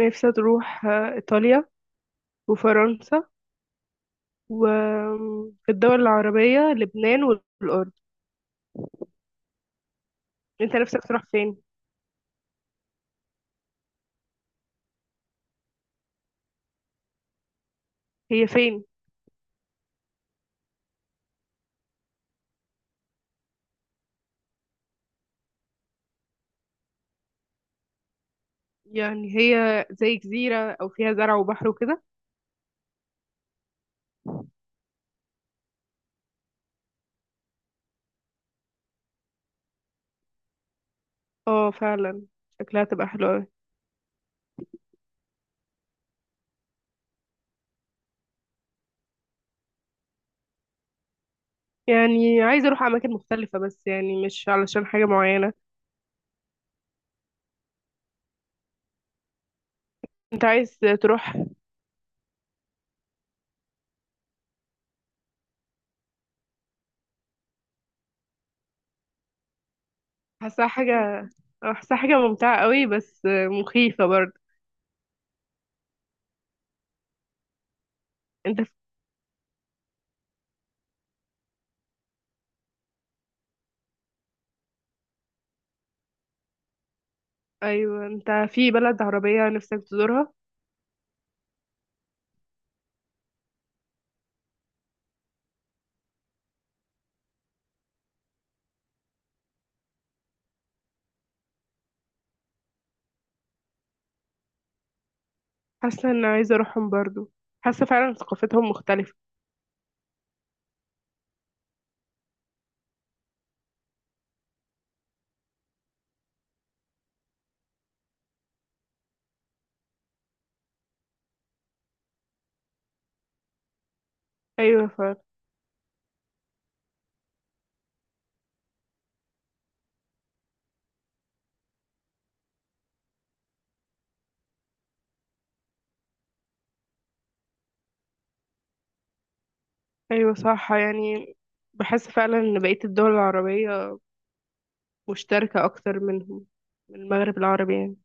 نفسي تروح إيطاليا وفرنسا. وفي الدول العربية لبنان والأردن. أنت نفسك تروح فين؟ هي فين؟ يعني هي زي جزيرة أو فيها زرع وبحر وكده؟ اه، فعلا. شكلها تبقى حلوة أوي. يعني عايزة أروح أماكن مختلفة بس يعني مش علشان حاجة معينة. أنت عايز تروح. حاساها حاجة حاساها حاجة ممتعة قوي بس مخيفة برضه. أنت في... أيوة، أنت في بلد عربية نفسك تزورها؟ حاسة ان عايزة اروحهم برضو. حاسة فعلا ثقافتهم مختلفة. ايوه. ايوه، صح يعني. بحس فعلا ان بقية الدول العربية مشتركة اكتر منهم، من المغرب العربي يعني.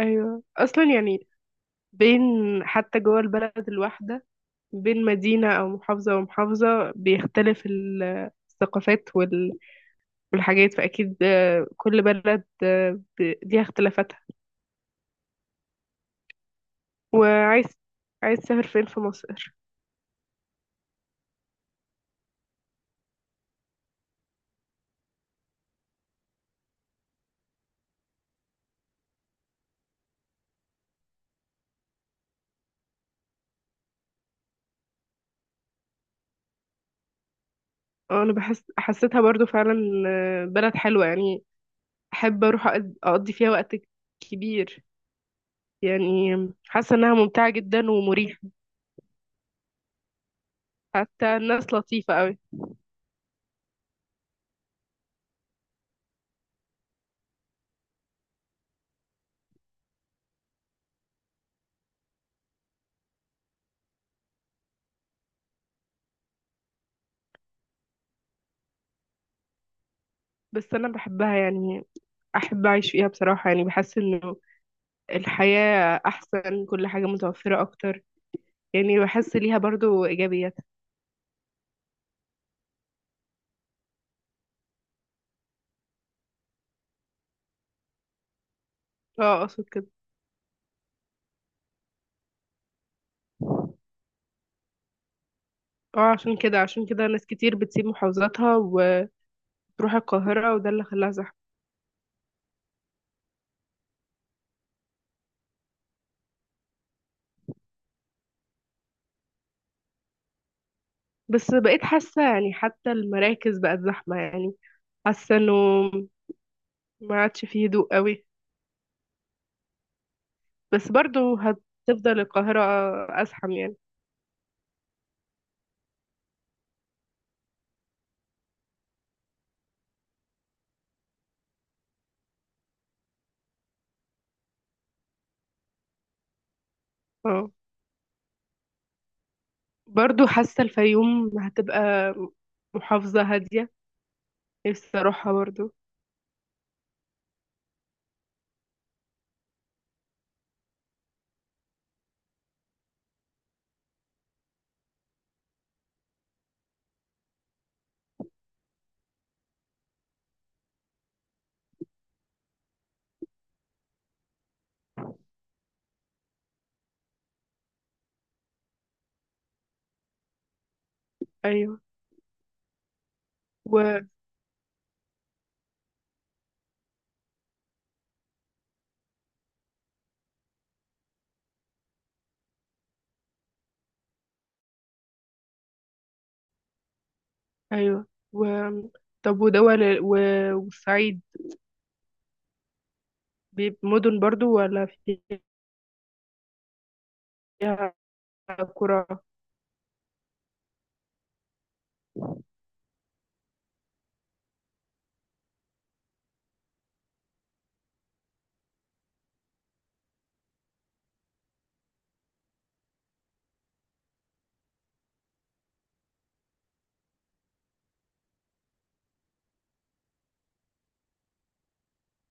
ايوه، اصلا يعني بين حتى جوه البلد الواحدة بين مدينة او محافظة ومحافظة بيختلف الثقافات والحاجات. فاكيد كل بلد ليها اختلافاتها. وعايز عايز تسافر فين في مصر؟ اه، انا بحس حسيتها برضو فعلا، بلد حلوة يعني. احب اروح اقضي فيها وقت كبير يعني. حاسة انها ممتعة جدا ومريحة. حتى الناس لطيفة قوي. بس انا بحبها يعني. احب اعيش فيها بصراحة. يعني بحس انه الحياة احسن، كل حاجة متوفرة اكتر. يعني بحس ليها برضو ايجابيات. اه، اقصد كده. اه، عشان كده ناس كتير بتسيب محافظاتها وتروح القاهرة، وده اللي خلاها زحمة. بس بقيت حاسة يعني حتى المراكز بقت زحمة يعني. حاسه انه ما عادش فيه هدوء قوي. بس برضو هتفضل القاهره ازحم يعني. اه. برضو حاسه الفيوم هتبقى محافظه هاديه. نفسي اروحها برضو. ايوه و ايوه و طب، ودول والصعيد. مدن برضو ولا فيها قرى؟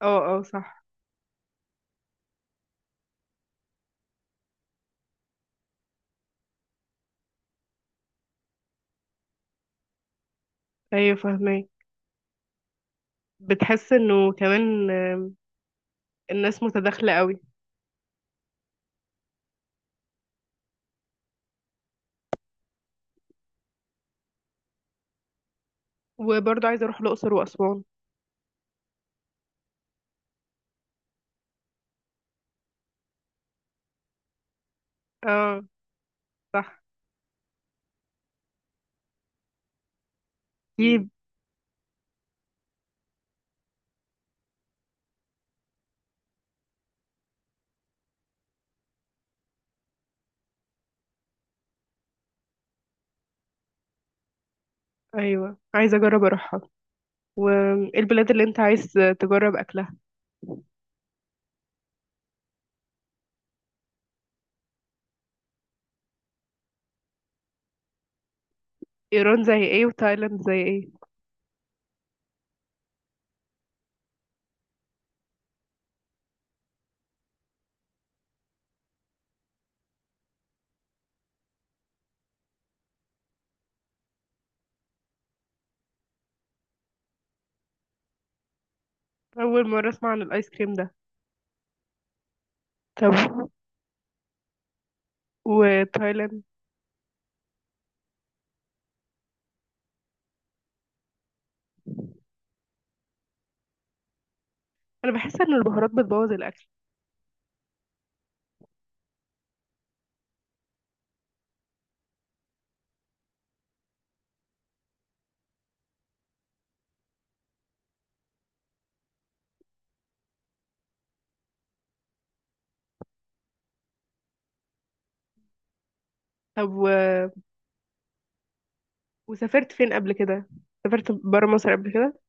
اه، اه، صح. ايوه، فاهمه. بتحس انه كمان الناس متداخله قوي. وبرضو عايزه اروح الاقصر واسوان. اه. صح. دي ايوه، عايزه اجرب اروحها. والبلاد اللي انت عايز تجرب اكلها؟ ايران زي ايه وتايلاند زي ايه؟ اول مره اسمع عن الايس كريم ده. طب وتايلاند؟ انا بحس ان البهارات بتبوظ الاكل. طب وسافرت فين قبل كده؟ سافرت برا مصر قبل كده؟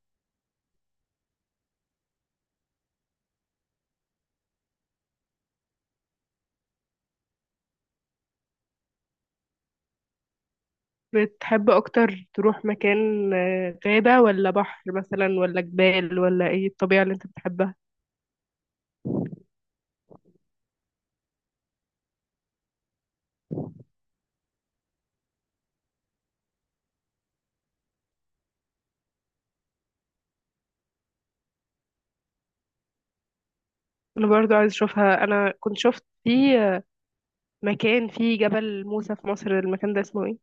بتحب اكتر تروح مكان، غابه ولا بحر مثلا ولا جبال ولا ايه الطبيعه اللي انت بتحبها؟ انا برضو عايز اشوفها. انا كنت شفت في مكان فيه جبل موسى في مصر. المكان ده اسمه ايه؟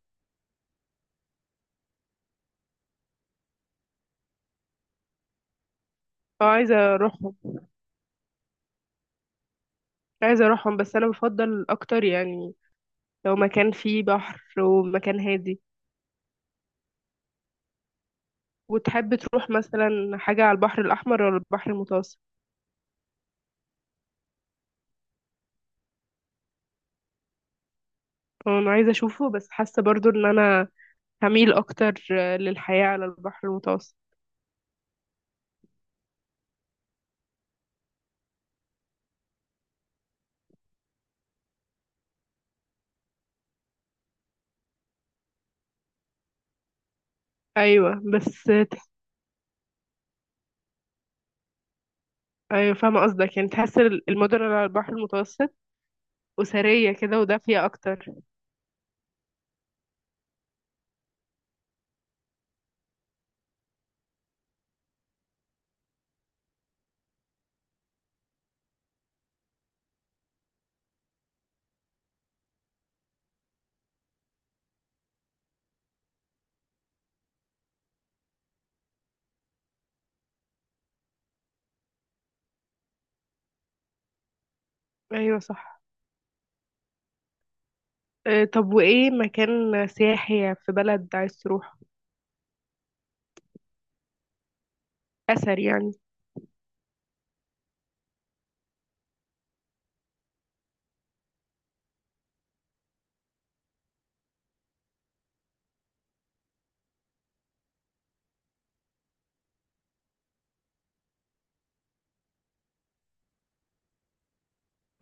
اه، عايزة اروحهم بس انا بفضل اكتر يعني لو مكان فيه بحر ومكان هادي. وتحب تروح مثلا حاجة على البحر الاحمر ولا البحر المتوسط؟ اه، انا عايزة اشوفه بس حاسة برضو ان انا هميل اكتر، للحياة على البحر المتوسط. ايوه بس. تح- ايوه، فاهمة قصدك. يعني تحس المدن اللي على البحر المتوسط اسرية كده ودافية اكتر. ايوه، صح. طب، وايه مكان سياحي في بلد عايز تروح، اثر يعني؟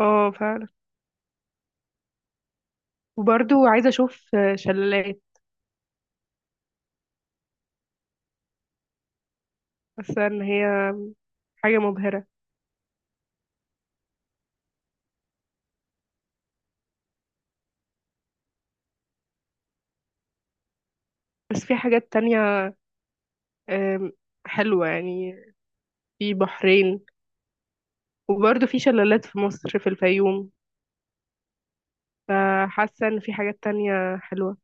اه، فعلا. وبرضو عايزه اشوف شلالات. حاسه ان هي حاجه مبهره. بس في حاجات تانية، آم، حلوه يعني. في بحرين. وبرضو في شلالات في مصر في الفيوم. فحاسه ان في حاجات تانية حلوه.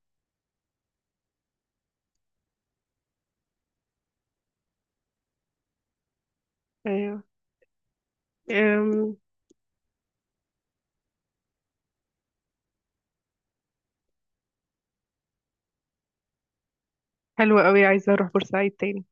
ايوه. آم، حلوه قوي. عايزه اروح بورسعيد تاني.